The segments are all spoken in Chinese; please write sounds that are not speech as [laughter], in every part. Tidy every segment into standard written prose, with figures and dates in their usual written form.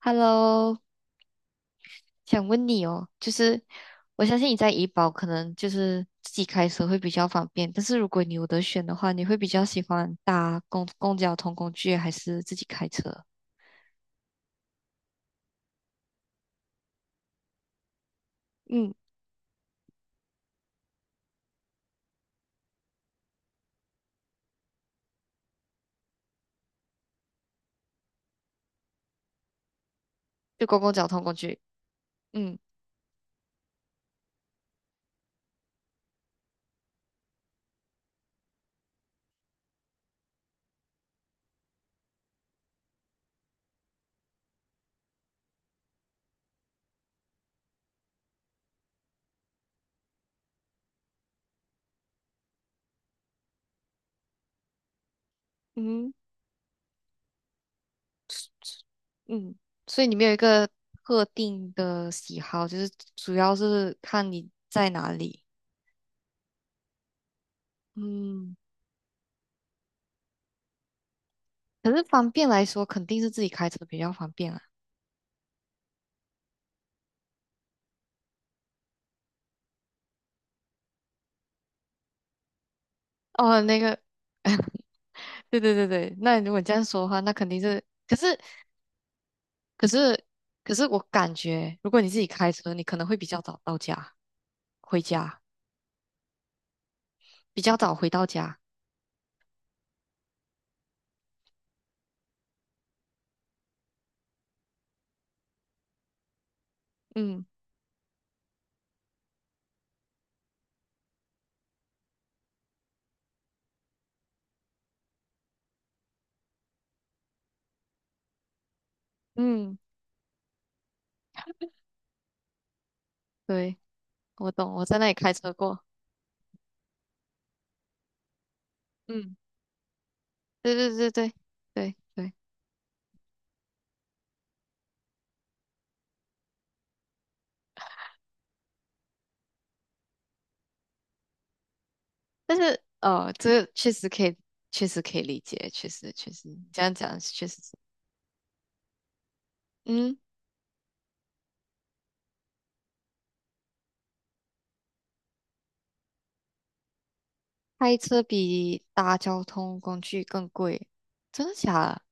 Hello，想问你哦，就是我相信你在怡保可能就是自己开车会比较方便，但是如果你有得选的话，你会比较喜欢搭公公交通工具还是自己开车？嗯就公共交通工具。嗯。嗯嗯。所以你没有一个特定的喜好，就是主要是看你在哪里。嗯。可是方便来说，肯定是自己开车比较方便啊。哦，那个 [laughs] 对对对对，那如果你这样说的话，那肯定是，可是可是我感觉，如果你自己开车，你可能会比较早到家，回家比较早回到家。嗯嗯。对，我懂，我在那里开车过。嗯。对对对对对对。但是这个确实可以，确实可以理解，确实你这样讲确实是。嗯。开车比搭交通工具更贵，真的假的？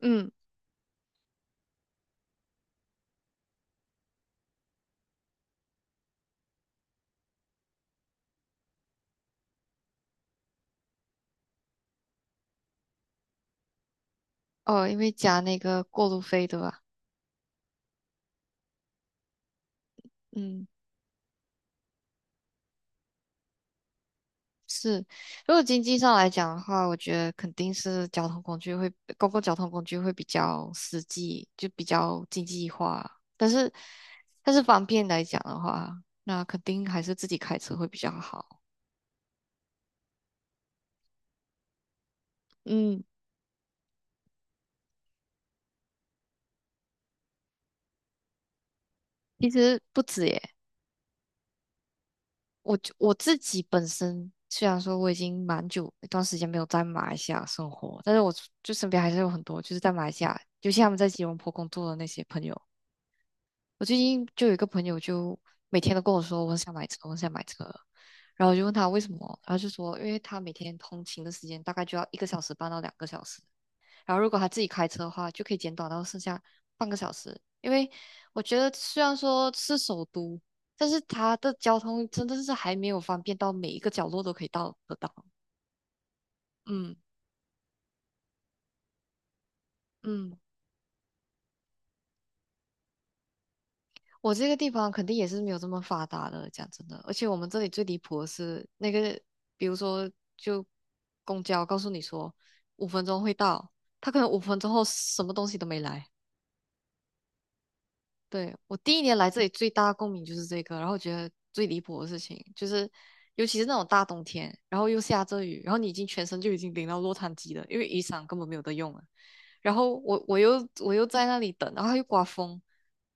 嗯。哦，因为加那个过路费，对吧？嗯。是，如果经济上来讲的话，我觉得肯定是交通工具会，公共交通工具会比较实际，就比较经济化。但是，但是方便来讲的话，那肯定还是自己开车会比较好。嗯。其实不止耶，我就我自己本身虽然说我已经蛮久一段时间没有在马来西亚生活，但是我就身边还是有很多就是在马来西亚，尤其他们在吉隆坡工作的那些朋友。我最近就有一个朋友，就每天都跟我说我很想买车，我很想买车。然后我就问他为什么，然后就说因为他每天通勤的时间大概就要一个小时半到两个小时，然后如果他自己开车的话，就可以减短到剩下半个小时。因为我觉得虽然说是首都，但是它的交通真的是还没有方便到每一个角落都可以到得到。嗯嗯。我这个地方肯定也是没有这么发达的，讲真的。而且我们这里最离谱的是那个，比如说就公交告诉你说五分钟会到，他可能五分钟后什么东西都没来。对，我第一年来这里最大的共鸣就是这个，然后我觉得最离谱的事情就是，尤其是那种大冬天，然后又下着雨，然后你已经全身就已经淋到落汤鸡了，因为雨伞根本没有得用了。然后我又在那里等，然后又刮风，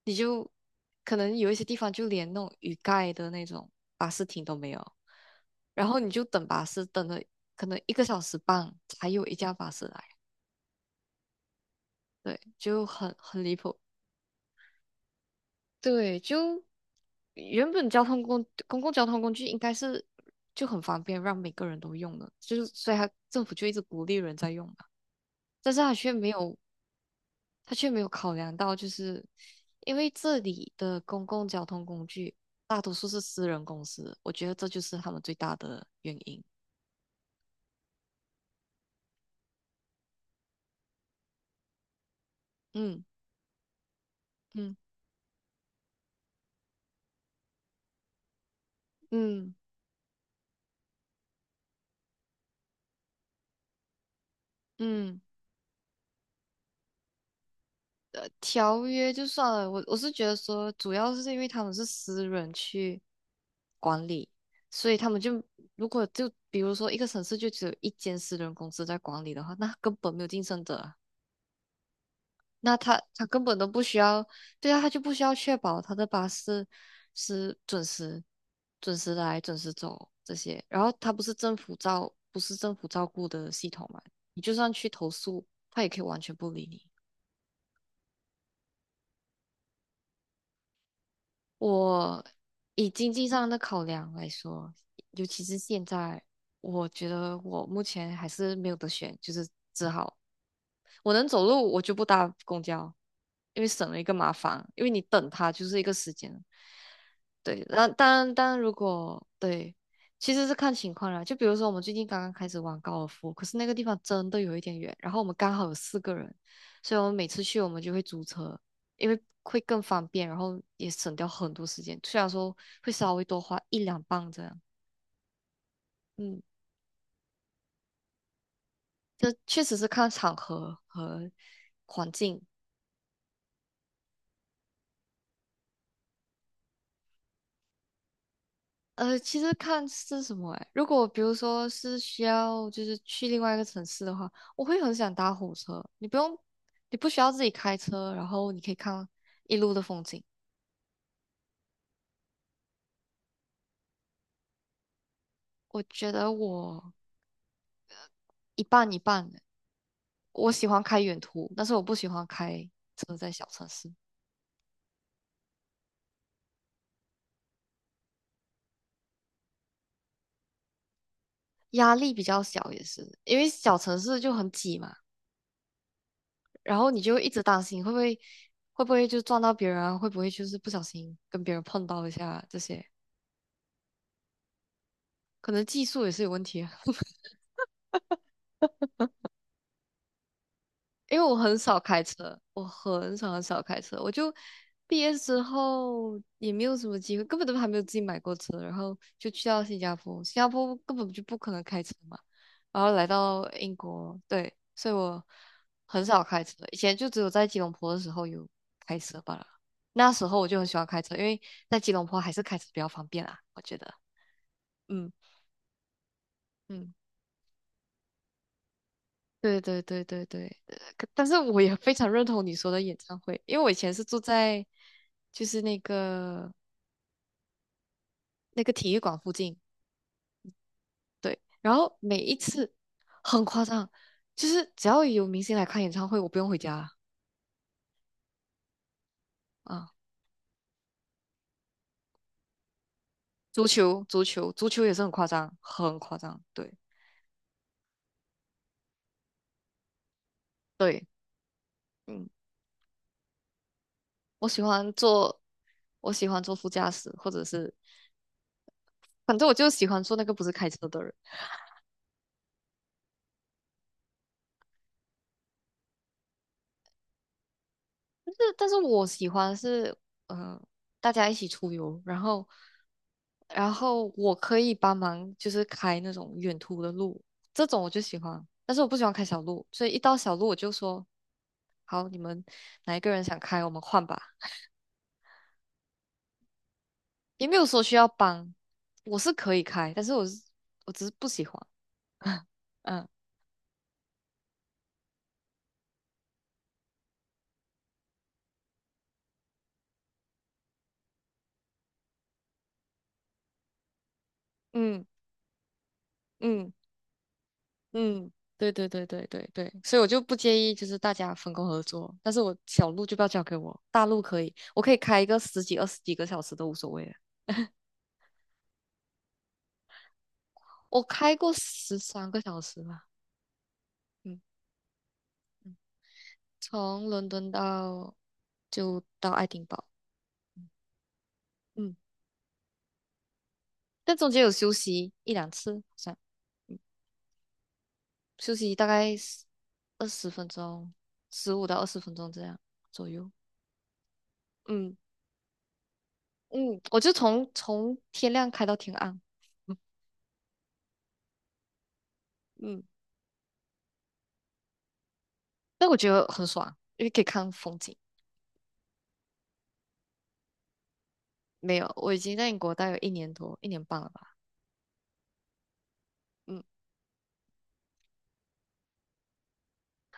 你就可能有一些地方就连那种雨盖的那种巴士停都没有，然后你就等巴士，等了可能一个小时半才有一架巴士来。对，就很离谱。对，就原本交通工公共交通工具应该是就很方便，让每个人都用的，就是所以他政府就一直鼓励人在用嘛。但是他却没有考量到，就是因为这里的公共交通工具大多数是私人公司，我觉得这就是他们最大的原因。嗯嗯嗯嗯。条约就算了，我是觉得说，主要是因为他们是私人去管理，所以他们就如果就比如说一个城市就只有一间私人公司在管理的话，那根本没有竞争者啊，那他根本都不需要。对啊，他就不需要确保他的巴士是准时、准时来、准时走这些，然后他不是政府照顾的系统嘛，你就算去投诉，他也可以完全不理你。我以经济上的考量来说，尤其是现在，我觉得我目前还是没有得选，就是只好我能走路，我就不搭公交，因为省了一个麻烦，因为你等它就是一个时间。对，那当然，当然，如果对，其实是看情况啦。就比如说，我们最近刚刚开始玩高尔夫，可是那个地方真的有一点远，然后我们刚好有四个人，所以我们每次去我们就会租车，因为会更方便，然后也省掉很多时间。虽然说会稍微多花一两磅这样。嗯。这确实是看场合和环境。其实看是什么哎。如果比如说是需要就是去另外一个城市的话，我会很想搭火车。你不用，你不需要自己开车，然后你可以看一路的风景。我觉得我一半一半的，我喜欢开远途，但是我不喜欢开车在小城市，压力比较小也是，因为小城市就很挤嘛，然后你就一直担心会不会就撞到别人啊，会不会就是不小心跟别人碰到一下这些，可能技术也是有问题。啊。因为我很少开车，我很少很少开车，我就毕业之后也没有什么机会，根本都还没有自己买过车，然后就去到新加坡，新加坡根本就不可能开车嘛，然后来到英国，对，所以我很少开车，以前就只有在吉隆坡的时候有开车罢了，那时候我就很喜欢开车，因为在吉隆坡还是开车比较方便啊，我觉得。嗯嗯。对对对对对。但是我也非常认同你说的演唱会，因为我以前是住在就是那个体育馆附近。对，然后每一次很夸张，就是只要有明星来看演唱会，我不用回家啊。足球，足球，足球也是很夸张，很夸张，对对。嗯。我喜欢坐，我喜欢坐，副驾驶，或者是反正我就喜欢坐那个不是开车的人。但是我喜欢的是，嗯、大家一起出游，然后，然后我可以帮忙，就是开那种远途的路，这种我就喜欢。但是我不喜欢开小路，所以一到小路我就说，好，你们哪一个人想开，我们换吧。也没有说需要帮，我是可以开，但是我只是不喜欢。嗯嗯嗯。嗯。对对对对对对，所以我就不介意，就是大家分工合作，但是我小路就不要交给我，大路可以，我可以开一个十几、二十几个小时都无所谓的。我开过13个小时吧。嗯嗯。从伦敦到就到爱丁堡。嗯。但中间有休息一两次，好像嗯，休息大概二十分钟，15到20分钟这样左右。嗯嗯。我就从天亮开到天暗。[laughs] 嗯嗯。但我觉得很爽，因为可以看风景。没有，我已经在英国待有一年多，一年半了吧。嗯。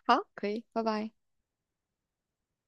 好，可以，拜拜。